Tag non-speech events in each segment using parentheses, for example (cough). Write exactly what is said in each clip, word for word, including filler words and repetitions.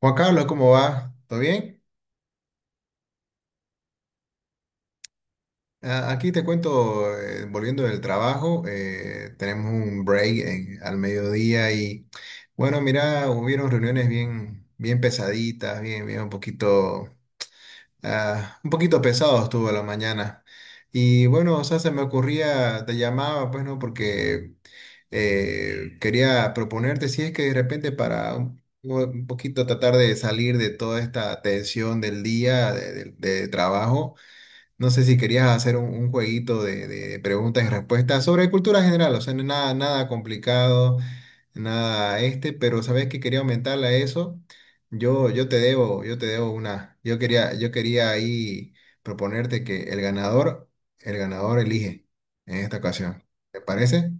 Juan Carlos, ¿cómo va? ¿Todo bien? Ah, aquí te cuento, eh, volviendo del trabajo, eh, tenemos un break en- al mediodía y bueno, mira, hubieron reuniones bien, bien pesaditas, bien, bien un poquito, ah, un poquito pesado estuvo la mañana. Y bueno, o sea, se me ocurría, te llamaba, pues no, porque eh, quería proponerte si es que de repente para un, un poquito tratar de salir de toda esta tensión del día de de- de trabajo. No sé si querías hacer un, un jueguito de, de preguntas y respuestas sobre cultura general, o sea, no- nada, nada complicado, nada este, pero sabes que quería aumentarle a eso. Yo, yo te debo, yo te debo una. Yo quería, yo quería ahí proponerte que el ganador, el ganador elige en esta ocasión. ¿Te parece?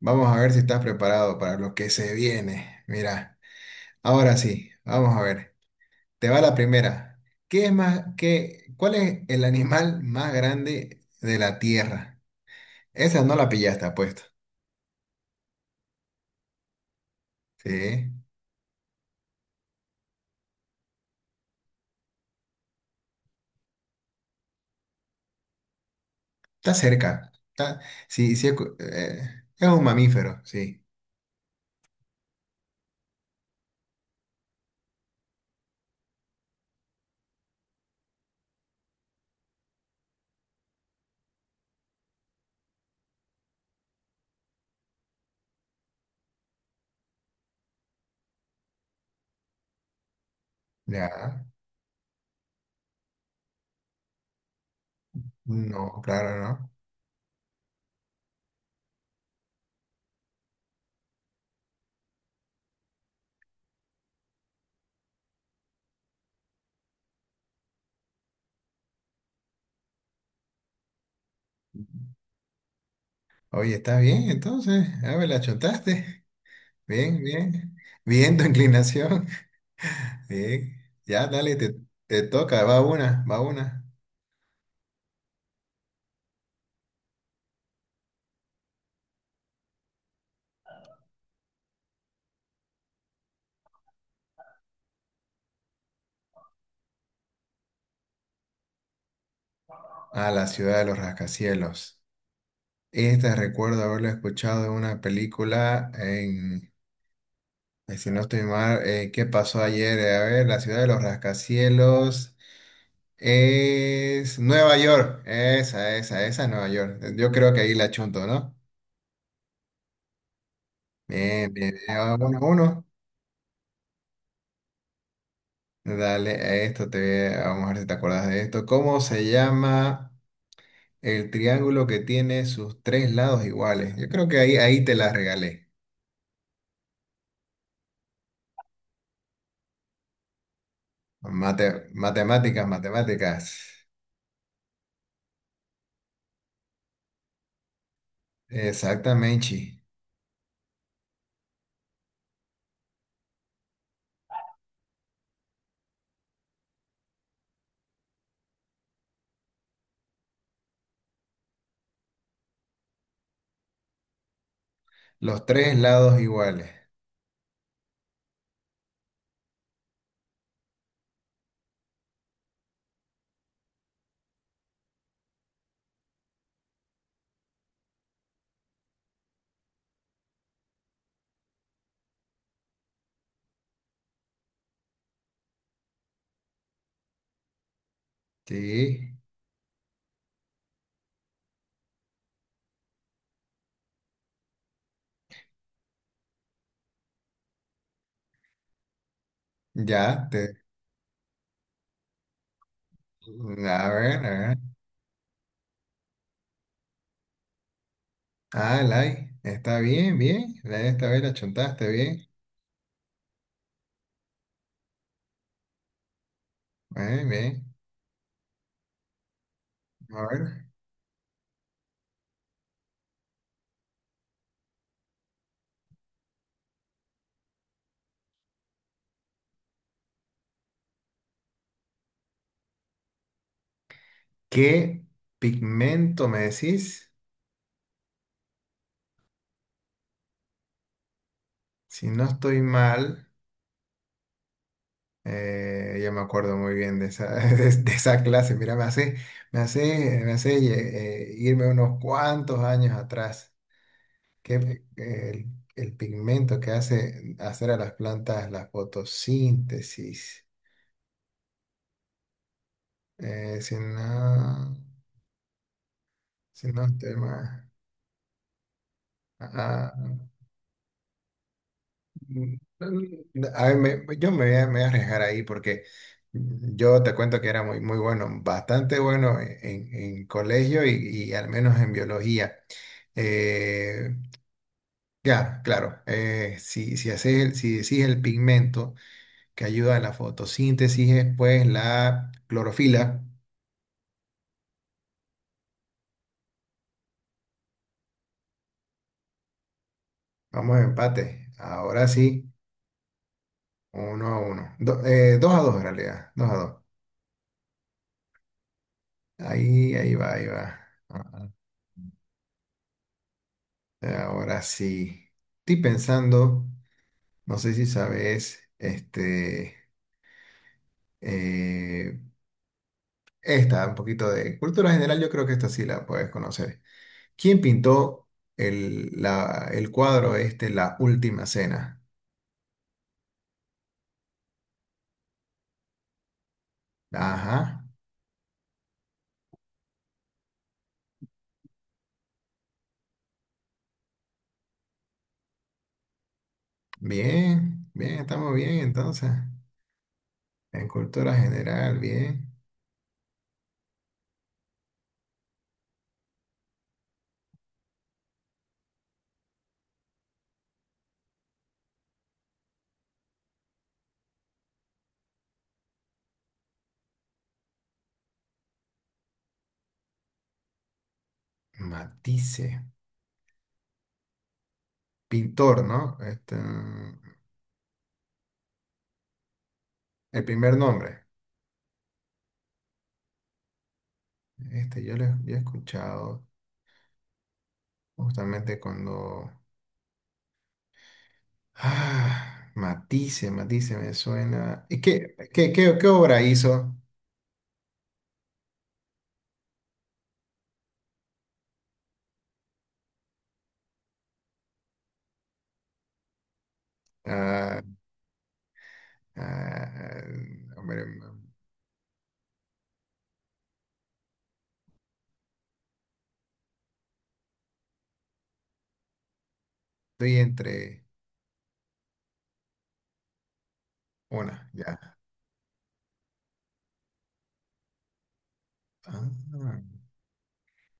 Vamos a ver si estás preparado para lo que se viene. Mira, ahora sí, vamos a ver. Te va la primera. ¿Qué es más, qué, cuál es el animal más grande de la Tierra? Esa no la pillaste, apuesto. Sí, está cerca. Está, sí, sí, escu- eh, es un mamífero, sí. Ya, no, claro, no. Oye, está bien, entonces. A ver, la chontaste. Bien, bien. Bien tu inclinación. (laughs) Bien. Ya, dale, te, te toca. Va una, va una. A la ciudad de los rascacielos. Esta recuerdo haberla escuchado en una película, en, eh, si no estoy mal, eh, ¿qué pasó ayer? Eh, A ver, la ciudad de los rascacielos es Nueva York. Esa, esa, esa es Nueva York. Yo creo que ahí la chunto, ¿no? Bien, bien, bien. Ah, Uno, a uno. Dale, a esto te vamos a ver si te acuerdas de esto. ¿Cómo se llama el triángulo que tiene sus tres lados iguales? Yo creo que ahí, ahí te la regalé. Mate- matemáticas, matemáticas. Exactamente. Los tres lados iguales. Sí, ya, te... A ver, a ver. Ah, Lai, está bien, bien. Lai, esta vez la chuntaste bien. Bien, bien. A ver. ¿Qué pigmento me decís? Si no estoy mal, eh, ya me acuerdo muy bien de esa, (laughs) de, de esa clase. Mira, me hace, me hace, me hace eh, eh, irme unos cuantos años atrás. Que el, el pigmento que hace hacer a las plantas la fotosíntesis. Eh, si no, si no estoy mal. Ah, ah, mm, mm, a ver, me- yo me voy a, me voy a arriesgar ahí porque yo te cuento que era muy, muy bueno, bastante bueno en, en colegio y, y al menos en biología. Eh, ya, claro, eh, si, si, haces el- si decís el pigmento. Que ayuda en la fotosíntesis es pues la clorofila. Vamos a empate. Ahora sí, uno a uno. Do- eh, dos a dos en realidad, dos a dos. Ahí, ahí va, ahí va. Ah, Ahora sí. Estoy pensando, no sé si sabes, este, eh, esta, un poquito de cultura general, yo creo que esta sí la puedes conocer. ¿Quién pintó el, la- el cuadro este, La Última Cena? Ajá. Bien, bien, estamos bien entonces. En cultura general, bien. Matisse, pintor, ¿no? Este, mm, el primer nombre. Este, yo lo he yo he escuchado justamente cuando... Ah, Matisse, Matisse me suena. ¿Y qué, qué, qué, qué obra hizo? Ah, ah, hombre, estoy entre... Una, ya. Ah,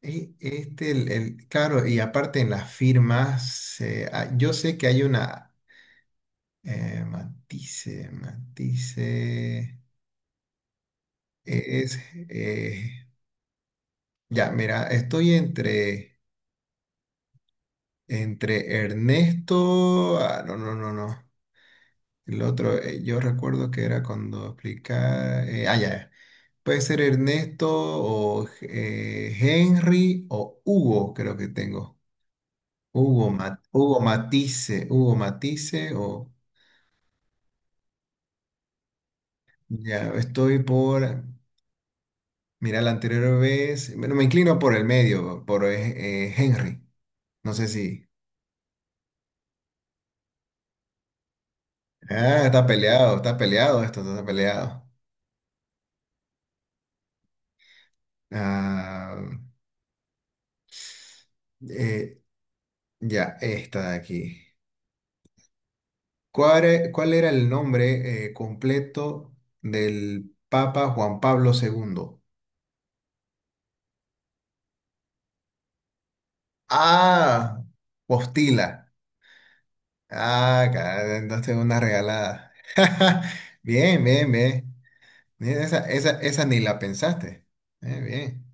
Y este, el, el- claro, y aparte en las firmas, eh, ah, yo sé que hay una eh, matice, matice, es, eh, ya, mira, estoy entre, entre Ernesto, ah, no, no, no, no, el otro, eh, yo recuerdo que era cuando explicaba, eh, ah, ya, ya. Puede ser Ernesto o eh, Henry o Hugo, creo que tengo. Hugo, Ma- Hugo Matisse, Hugo Matisse, o ya estoy por, mira, la anterior vez, bueno, me inclino por el medio, por eh, eh, Henry, no sé si. Ah, está peleado, está peleado esto, está peleado. Ah, eh, ya, esta de aquí. ¿Cuál, e- cuál era el nombre eh, completo del Papa Juan Pablo segundo? Ah, Postila. Ah, claro, entonces una regalada. (laughs) Bien, bien, bien. Mira, esa, esa, esa ni la pensaste. Eh, bien.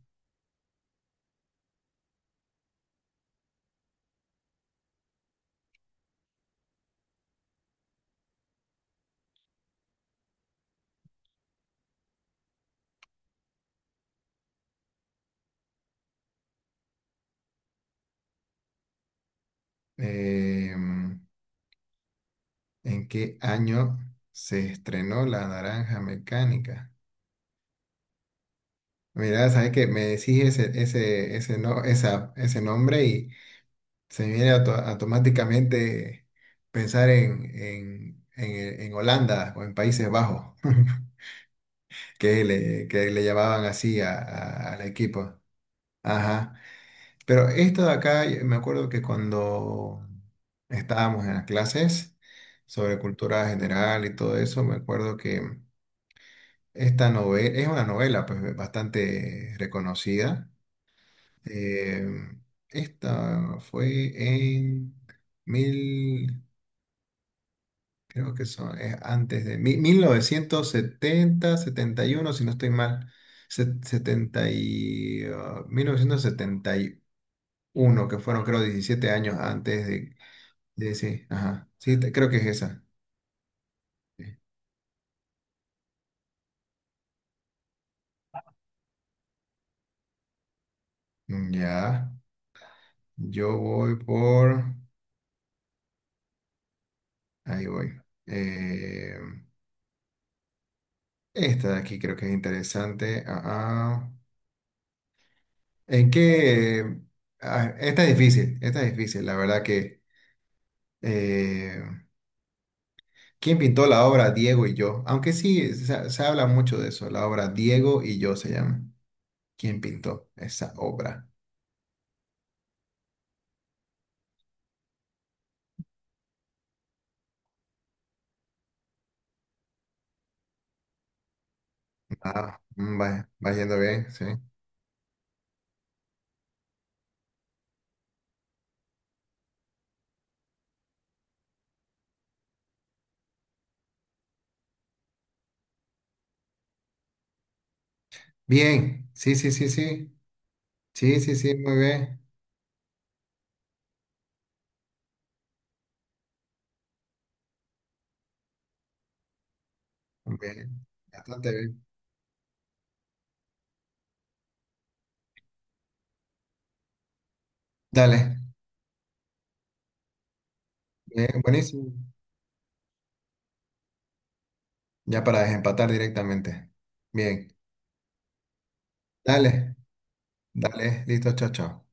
Eh, ¿En qué año se estrenó La Naranja Mecánica? Mira, sabes que me decís ese, ese, ese, no, esa, ese nombre y se me viene auto- automáticamente pensar en, en, en, en Holanda o en Países Bajos, (laughs) que le, que le llamaban así a- a- al equipo. Ajá. Pero esto de acá, me acuerdo que cuando estábamos en las clases sobre cultura general y todo eso, me acuerdo que esta novela es una novela pues bastante reconocida. Eh, esta fue en mil, creo que son, es antes de mi- mil novecientos setenta, setenta y uno si no estoy mal, se- setenta y, ah, mil novecientos setenta y uno, que fueron creo diecisiete años antes de. Sí, sí, ajá. Sí, te- creo que es esa. Sí. Mm, ya, yo voy por... Ahí voy. Eh, esta de aquí creo que es interesante. Ah, ah. ¿En qué? Ah, esta es difícil, esta es difícil. La verdad que... eh, ¿Quién pintó la obra Diego y yo? Aunque sí, se, se habla mucho de eso. La obra Diego y yo se llama. ¿Quién pintó esa obra? Ah, mm, va, va yendo bien, sí. Bien, sí, sí, sí, sí. Sí, sí, sí, muy bien. Muy bien. Bastante bien. Dale. Bien, buenísimo. Ya para desempatar directamente. Bien. Dale. Dale. Listo, chao, chao.